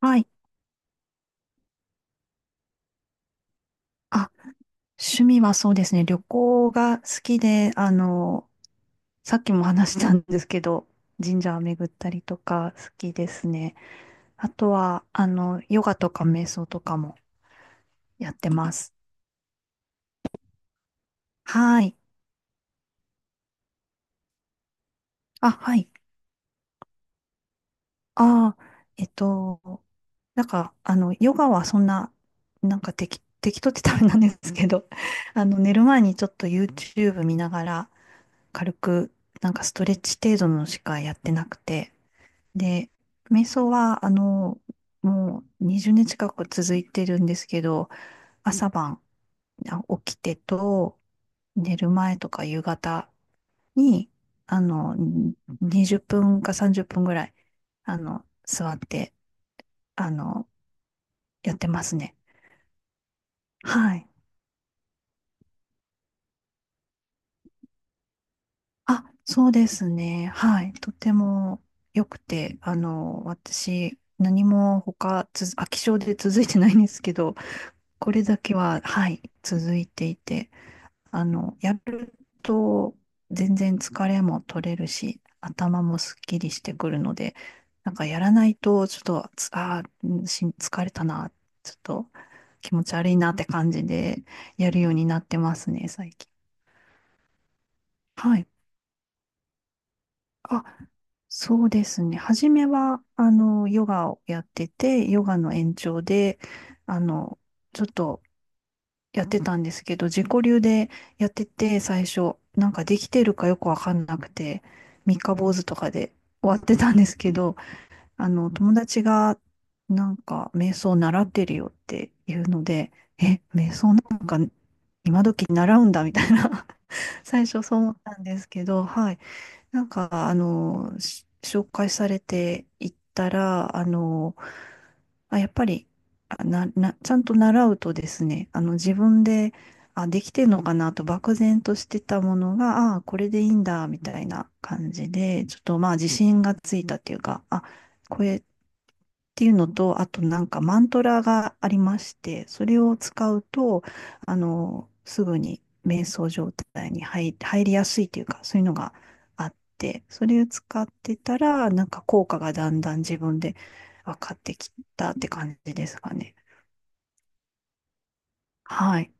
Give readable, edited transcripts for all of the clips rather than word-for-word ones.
はい。あ、趣味はそうですね。旅行が好きで、さっきも話したんですけど、神社を巡ったりとか好きですね。あとは、ヨガとか瞑想とかもやってます。はい。あ、はい。ああ、えっと、なんか、ヨガはそんな、なんか適当ってダメなんですけど、寝る前にちょっと YouTube 見ながら、軽く、なんかストレッチ程度のしかやってなくて、で、瞑想は、もう20年近く続いてるんですけど、朝晩起きてと、寝る前とか夕方に、あの、20分か30分ぐらい、座って、あの、やってますね。はい。あ、そうですね。はい。とても良くて、私、何も飽き性で続いてないんですけど、これだけは、はい、続いていて、やると全然疲れも取れるし、頭もすっきりしてくるので、なんかやらないと、ちょっと、つあーうんし疲れたな、ちょっと気持ち悪いなって感じでやるようになってますね、最近。はい。あ、そうですね。初めは、ヨガをやってて、ヨガの延長で、あの、ちょっとやってたんですけど、自己流でやってて、最初、なんかできてるかよくわかんなくて、三日坊主とかで終わってたんですけど、友達が、なんか、瞑想習ってるよっていうので、え、瞑想なんか今時習うんだみたいな 最初そう思ったんですけど、はい。なんか、紹介されていったら、あ、やっぱり、あな、な、ちゃんと習うとですね、自分で、あ、できてんのかなと漠然としてたものが、あ、これでいいんだ、みたいな感じで、ちょっとまあ自信がついたっていうか、あ、これっていうのと、あとなんかマントラがありまして、それを使うと、すぐに瞑想状態に入りやすいというか、そういうのがあって、それを使ってたら、なんか効果がだんだん自分で分かってきたって感じですかね。はい。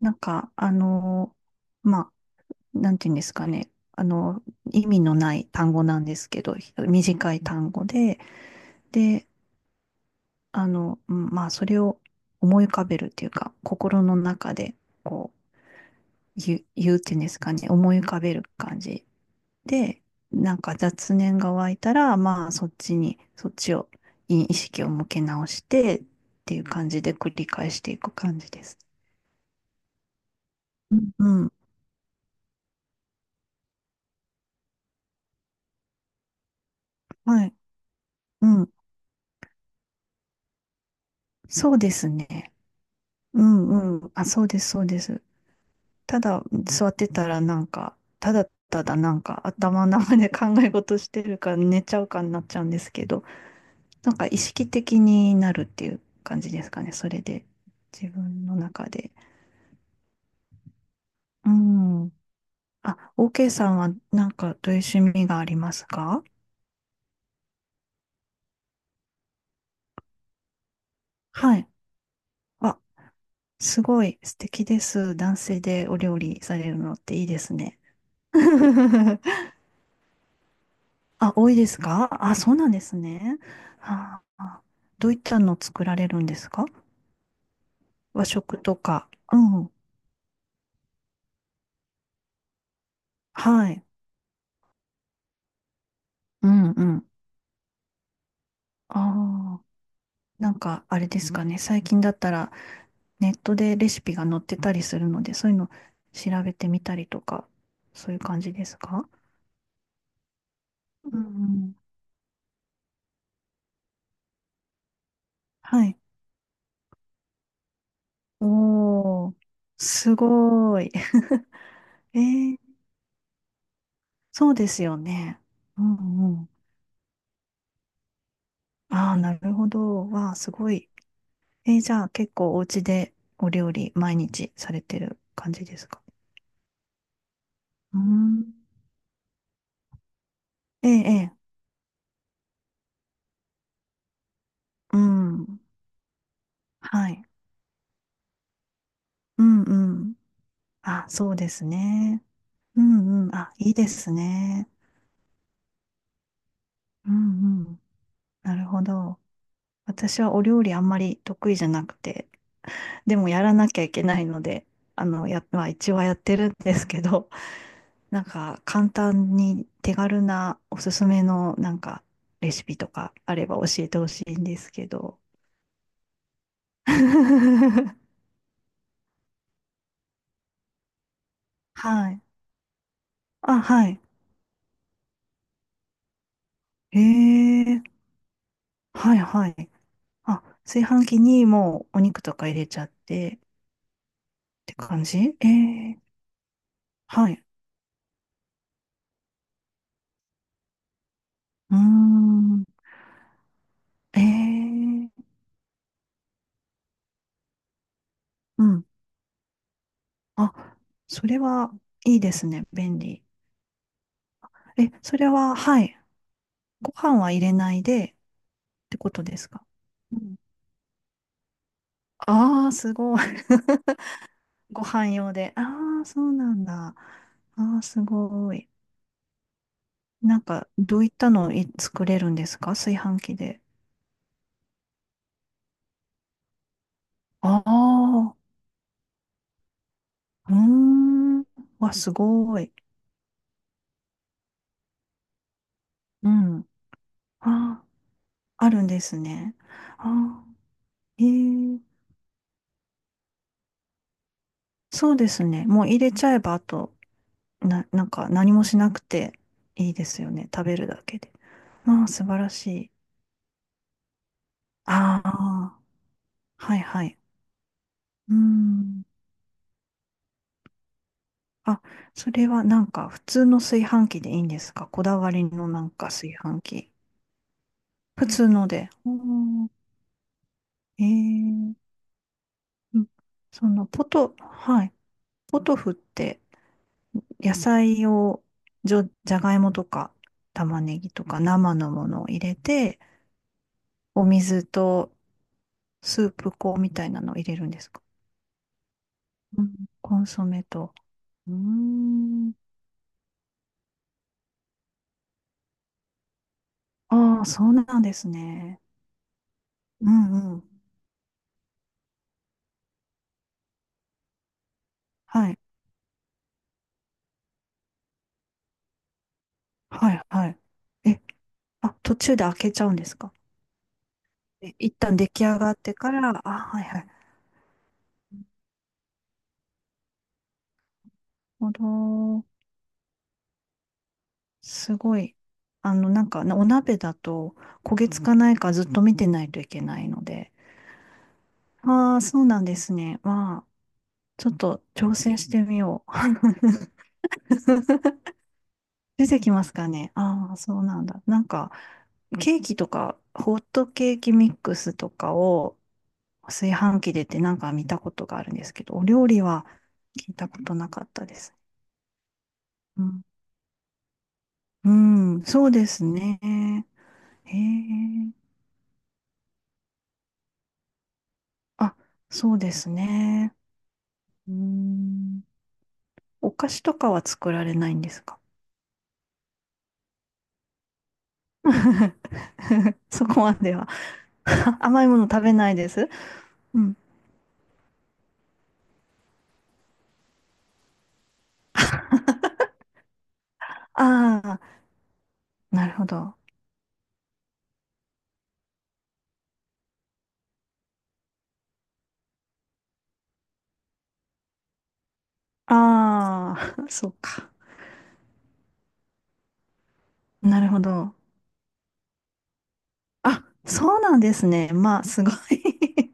なんか、まあ、なんていうんですかね。意味のない単語なんですけど、短い単語で、で、うんまあ、それを思い浮かべるっていうか、心の中で、こう、言うっていうんですかね、思い浮かべる感じで、なんか雑念が湧いたら、まあそっちに、そっちを、に意識を向け直してっていう感じで繰り返していく感じです。うんうん、はい。うん。そうですね。うんうん。あ、そうです、そうです。ただ座ってたらなんか、ただただなんか頭の中で考え事してるか寝ちゃうかになっちゃうんですけど、なんか意識的になるっていう感じですかね。それで、自分の中で。うん。あ、OK さんはなんかどういう趣味がありますか？はい。あ、すごい素敵です。男性でお料理されるのっていいですね。あ、多いですか？あ、そうなんですね。ああ、どういったの作られるんですか？和食とか。うん。はい。うんうん。ああ、なんかあれですかね。最近だったらネットでレシピが載ってたりするので、そういうの調べてみたりとか、そういう感じですか？うんうん。はい。おー、すごい。えー、そうですよね。うんうん。ああ、なるほど。わあ、すごい。じゃあ結構お家でお料理毎日されてる感じですか？うん。ええ、ええ、うん。はい。うんうん。あ、そうですね。うんうん。あ、いいですね。うんうん。なるほど。私はお料理あんまり得意じゃなくて、でもやらなきゃいけないので、まあ一応はやってるんですけど、なんか簡単に手軽なおすすめのなんかレシピとかあれば教えてほしいんですけど。はい。あ、はい。へえ、はいはい。あ、炊飯器にもうお肉とか入れちゃってって感じ？ええ、はい。うーん。ええ、うん。あ、それはいいですね。便利。え、それは、はい。ご飯は入れないでってことですか？うん。ああー、すごい。ご飯用で。ああ、そうなんだ。ああ、すごい。なんか、どういったのを作れるんですか？炊飯器で。ああ、うーん。わ、すごい。うん。ああ、あるんですね。ああ、ええ、そうですね。もう入れちゃえば、あと、なんか何もしなくていいですよね。食べるだけで。ああ、素晴らしい。ああ。はいはい。うーん。あ、それはなんか普通の炊飯器でいいんですか？こだわりのなんか炊飯器？普通ので。おー、えー、うん、そのポト、はい。ポトフって野菜を、じゃがいもとか玉ねぎとか生のものを入れて、お水とスープ粉みたいなのを入れるんですか？うん。コンソメと。うーん。ああ、そうなんですね。うんうん。はい。はいはい。え、あ、途中で開けちゃうんですか？え、一旦出来上がってから？あ、はいはい。なるほど。すごい。なんか、お鍋だと焦げつかないかずっと見てないといけないので。ああ、そうなんですね。まあ、ちょっと挑戦してみよう。出てきますかね。ああ、そうなんだ。なんか、ケーキとか、ホットケーキミックスとかを、炊飯器でってなんか見たことがあるんですけど、お料理は聞いたことなかったです。うん、うん、そうですね。へえ。あ、そうですね。うん。お菓子とかは作られないんですか？ そこまでは 甘いもの食べないです。うん。ああ、なるほど。ああ、そうか。なるほど。あ、そうなんですね。まあ、すごい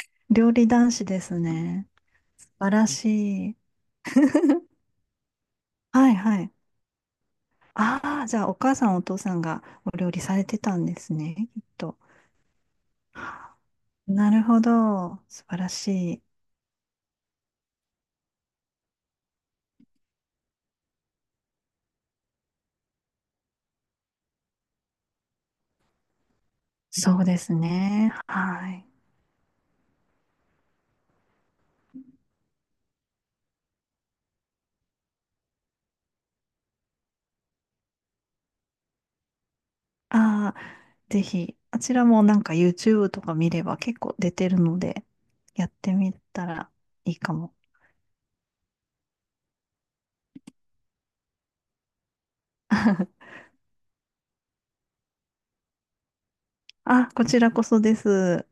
料理男子ですね。素晴らしい。はいはい。ああ、じゃあお母さんお父さんがお料理されてたんですね、きっと。なるほど。素晴らしい。そうですね。はい。ああ、ぜひ、あちらもなんか YouTube とか見れば結構出てるので、やってみたらいいかも。あ、こちらこそです。